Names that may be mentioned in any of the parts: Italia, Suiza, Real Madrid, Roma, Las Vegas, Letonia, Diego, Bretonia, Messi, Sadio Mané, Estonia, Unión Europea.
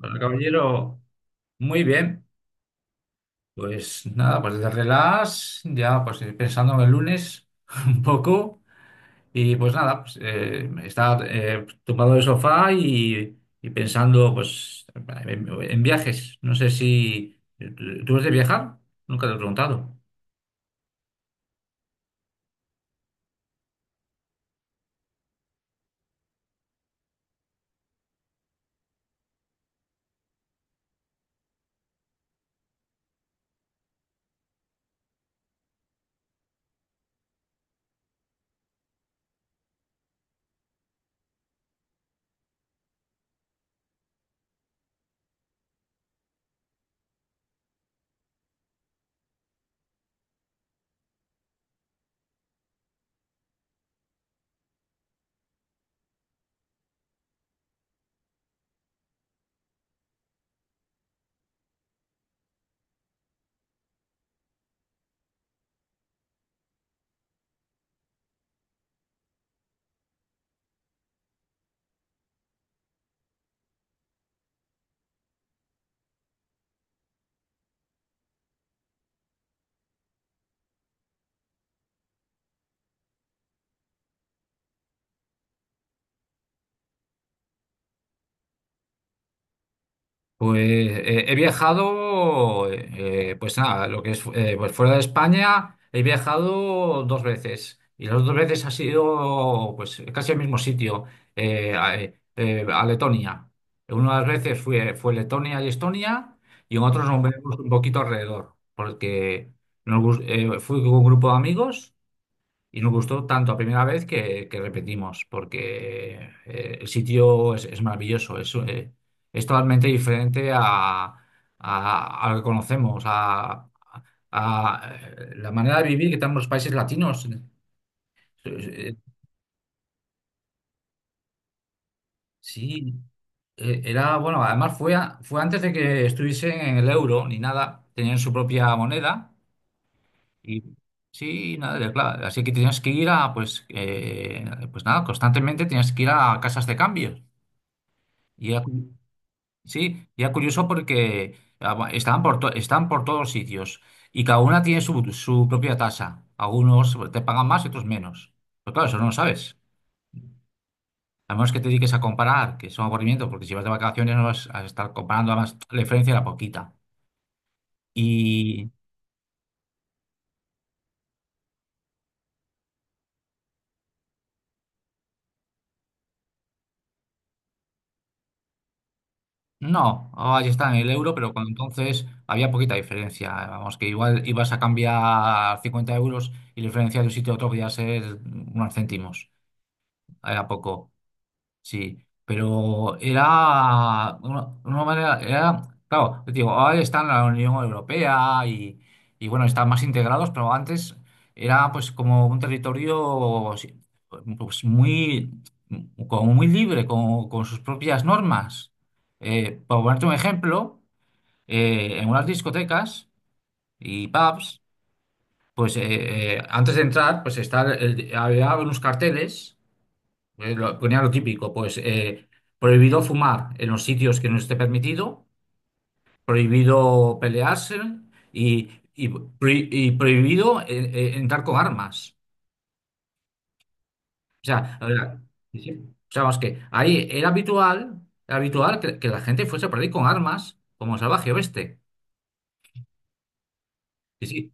Hola, caballero. Muy bien. Pues nada, pues desde relax, ya pues pensando en el lunes un poco. Y pues nada, pues, estaba tumbado en el sofá y pensando pues en viajes. No sé si ...¿Tú eres de viajar? Nunca te he preguntado. Pues he viajado, pues nada, lo que es pues fuera de España, he viajado dos veces y las dos veces ha sido pues casi el mismo sitio, a Letonia. Una de las veces fue Letonia y Estonia y en otros nos, ajá, movimos un poquito alrededor, porque fui con un grupo de amigos y nos gustó tanto a primera vez que repetimos, porque el sitio es maravilloso, es totalmente diferente a lo que conocemos, la manera de vivir que tenemos los países latinos. Eh, Sí, era, bueno, además fue, fue antes de que estuviesen en el euro ni nada, tenían su propia moneda y sí, nada, claro, así que tenías que ir a, pues, pues nada, constantemente tenías que ir a casas de cambio. Y era cu- sí, y era curioso porque estaban por, están por todos sitios y cada una tiene su propia tasa. Algunos te pagan más y otros menos. Pero claro, eso no lo sabes. A menos que te dediques a comparar, que es un aburrimiento, porque si vas de vacaciones no vas a estar comparando, además la diferencia era poquita. Y no, ahí está en el euro, pero cuando entonces había poquita diferencia. Vamos, que igual ibas a cambiar 50 euros y la diferencia de un sitio a otro podía ser unos céntimos. Era poco. Sí, pero era una manera, era, claro, te digo, ahora están en la Unión Europea y bueno, están más integrados, pero antes era pues como un territorio sí, pues muy, como muy libre, con sus propias normas. Por ponerte un ejemplo, en unas discotecas y pubs, pues antes de entrar, pues está había unos carteles ponía lo típico, pues prohibido fumar en los sitios que no esté permitido, prohibido pelearse y prohibido entrar con armas. O sea, a ver, sí, sí. O sea, vamos que ahí era habitual que la gente fuese por ahí con armas como salvaje oeste. Sí, sí.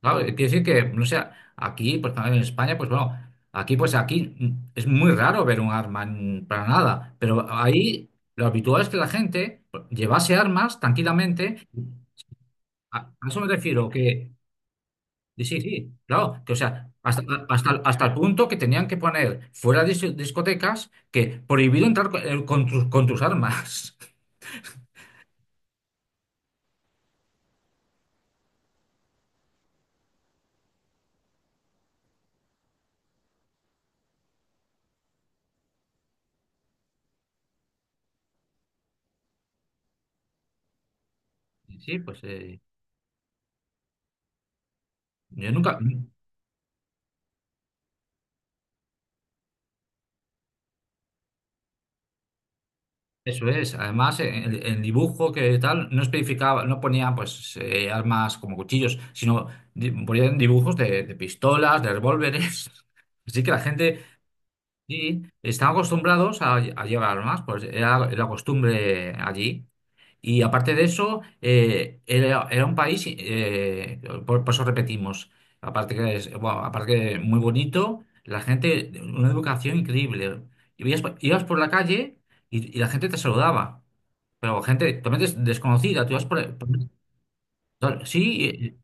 Claro, quiere decir que, no sé, aquí, pues en España, pues bueno, aquí, pues aquí es muy raro ver un arma para nada, pero ahí lo habitual es que la gente pues, llevase armas tranquilamente. A eso me refiero, que y sí, sí, claro, que o sea, hasta el punto que tenían que poner fuera de discotecas que prohibido entrar con tus armas. Sí, pues yo nunca. Eso es. Además, en el dibujo que tal no especificaba, no ponía pues armas como cuchillos, sino ponían dibujos de pistolas, de revólveres. Así que la gente sí, están acostumbrados a llevar armas, pues era la costumbre allí. Y aparte de eso, era un país, por eso repetimos, aparte que es, bueno, aparte que muy bonito, la gente, una educación increíble. Y veías ibas por la calle y la gente te saludaba, pero gente totalmente desconocida, tú ibas sí,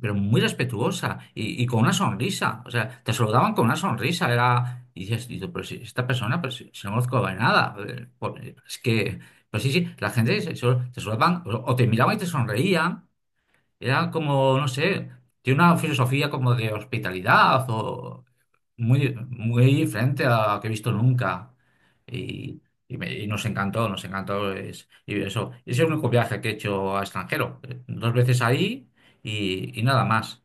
pero muy respetuosa y con una sonrisa. O sea, te saludaban con una sonrisa. Era, y dices, y tú, pero si esta persona, pero si, si no conozco de nada, es que, pues sí, sí, la gente te saludaban o te miraban y te sonreían. Era como, no sé, tiene una filosofía como de hospitalidad o muy, muy diferente a la que he visto nunca. Y, y nos encantó, nos encantó. Y eso, ese es el único viaje que he hecho a extranjero. Dos veces ahí y nada más.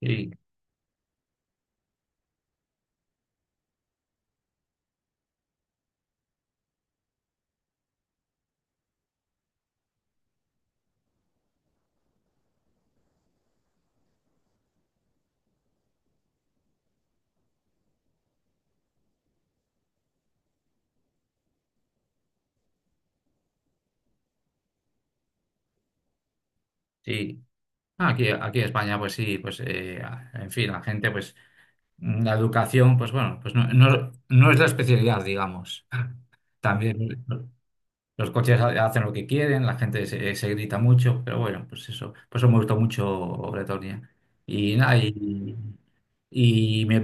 Sí, sí. Ah, aquí, aquí en España, pues sí, pues en fin, la gente, pues la educación, pues bueno, pues no, no, no es la especialidad, digamos. También los coches hacen lo que quieren, la gente se grita mucho, pero bueno, pues eso, por eso me gustó mucho Bretonia. Y nada, y me-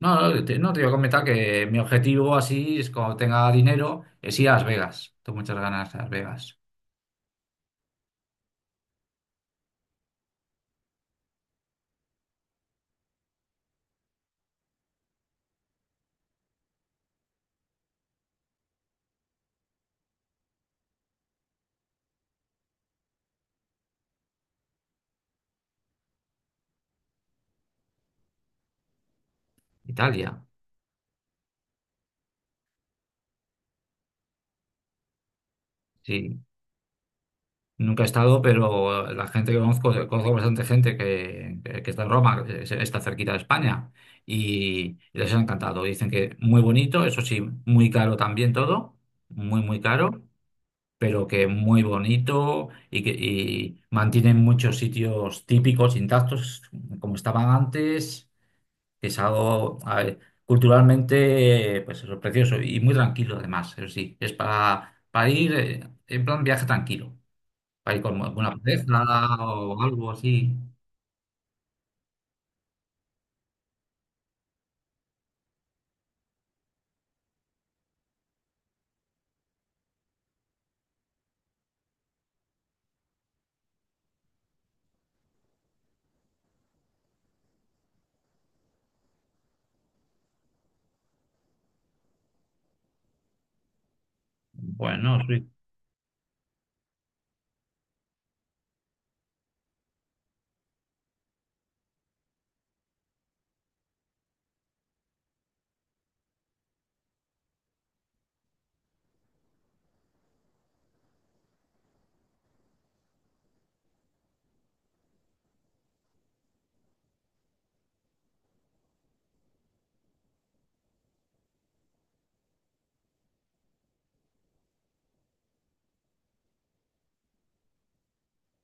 no, no, te iba a comentar que mi objetivo así es cuando tenga dinero, es ir a Las Vegas. Tengo muchas ganas de Las Vegas. Italia, sí. Nunca he estado, pero la gente que conozco, conozco bastante gente que está en Roma, está cerquita de España, y les ha encantado. Dicen que muy bonito, eso sí, muy caro también todo, muy, muy caro, pero que muy bonito y que mantienen muchos sitios típicos, intactos, como estaban antes, que es algo, a ver, culturalmente, pues eso, precioso y muy tranquilo además, eso sí, es para ir en plan viaje tranquilo para ir con alguna pareja o algo así. Bueno, sí.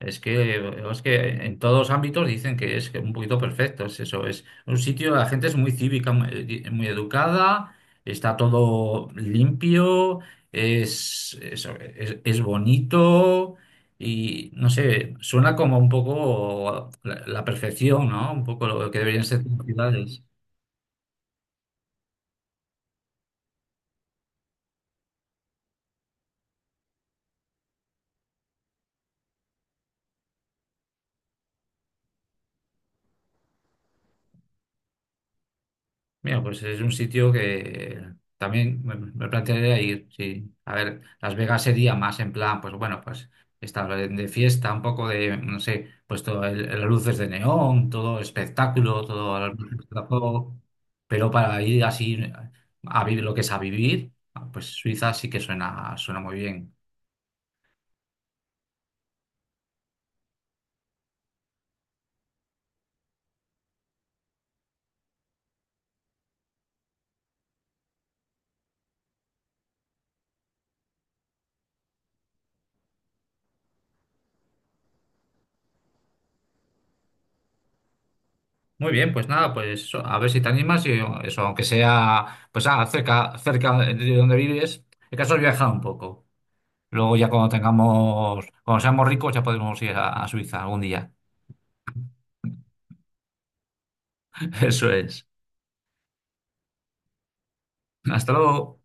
Es que, es que en todos los ámbitos dicen que es que un poquito perfecto, es un sitio, la gente es muy cívica, muy, muy educada, está todo limpio, es bonito y no sé, suena como un poco la perfección, ¿no? Un poco lo que deberían ser las ciudades. Mira, pues es un sitio que también me plantearía ir, sí. A ver, Las Vegas sería más en plan, pues bueno, pues estar de fiesta, un poco de, no sé, pues las luces de neón, todo espectáculo, todo el juego. Pero para ir así a vivir lo que es a vivir, pues Suiza sí que suena muy bien. Muy bien, pues nada, pues eso, a ver si te animas y eso, aunque sea, pues cerca, cerca de donde vives, el caso es viajar un poco. Luego ya cuando seamos ricos ya podremos ir a Suiza algún día. Eso es. Hasta luego.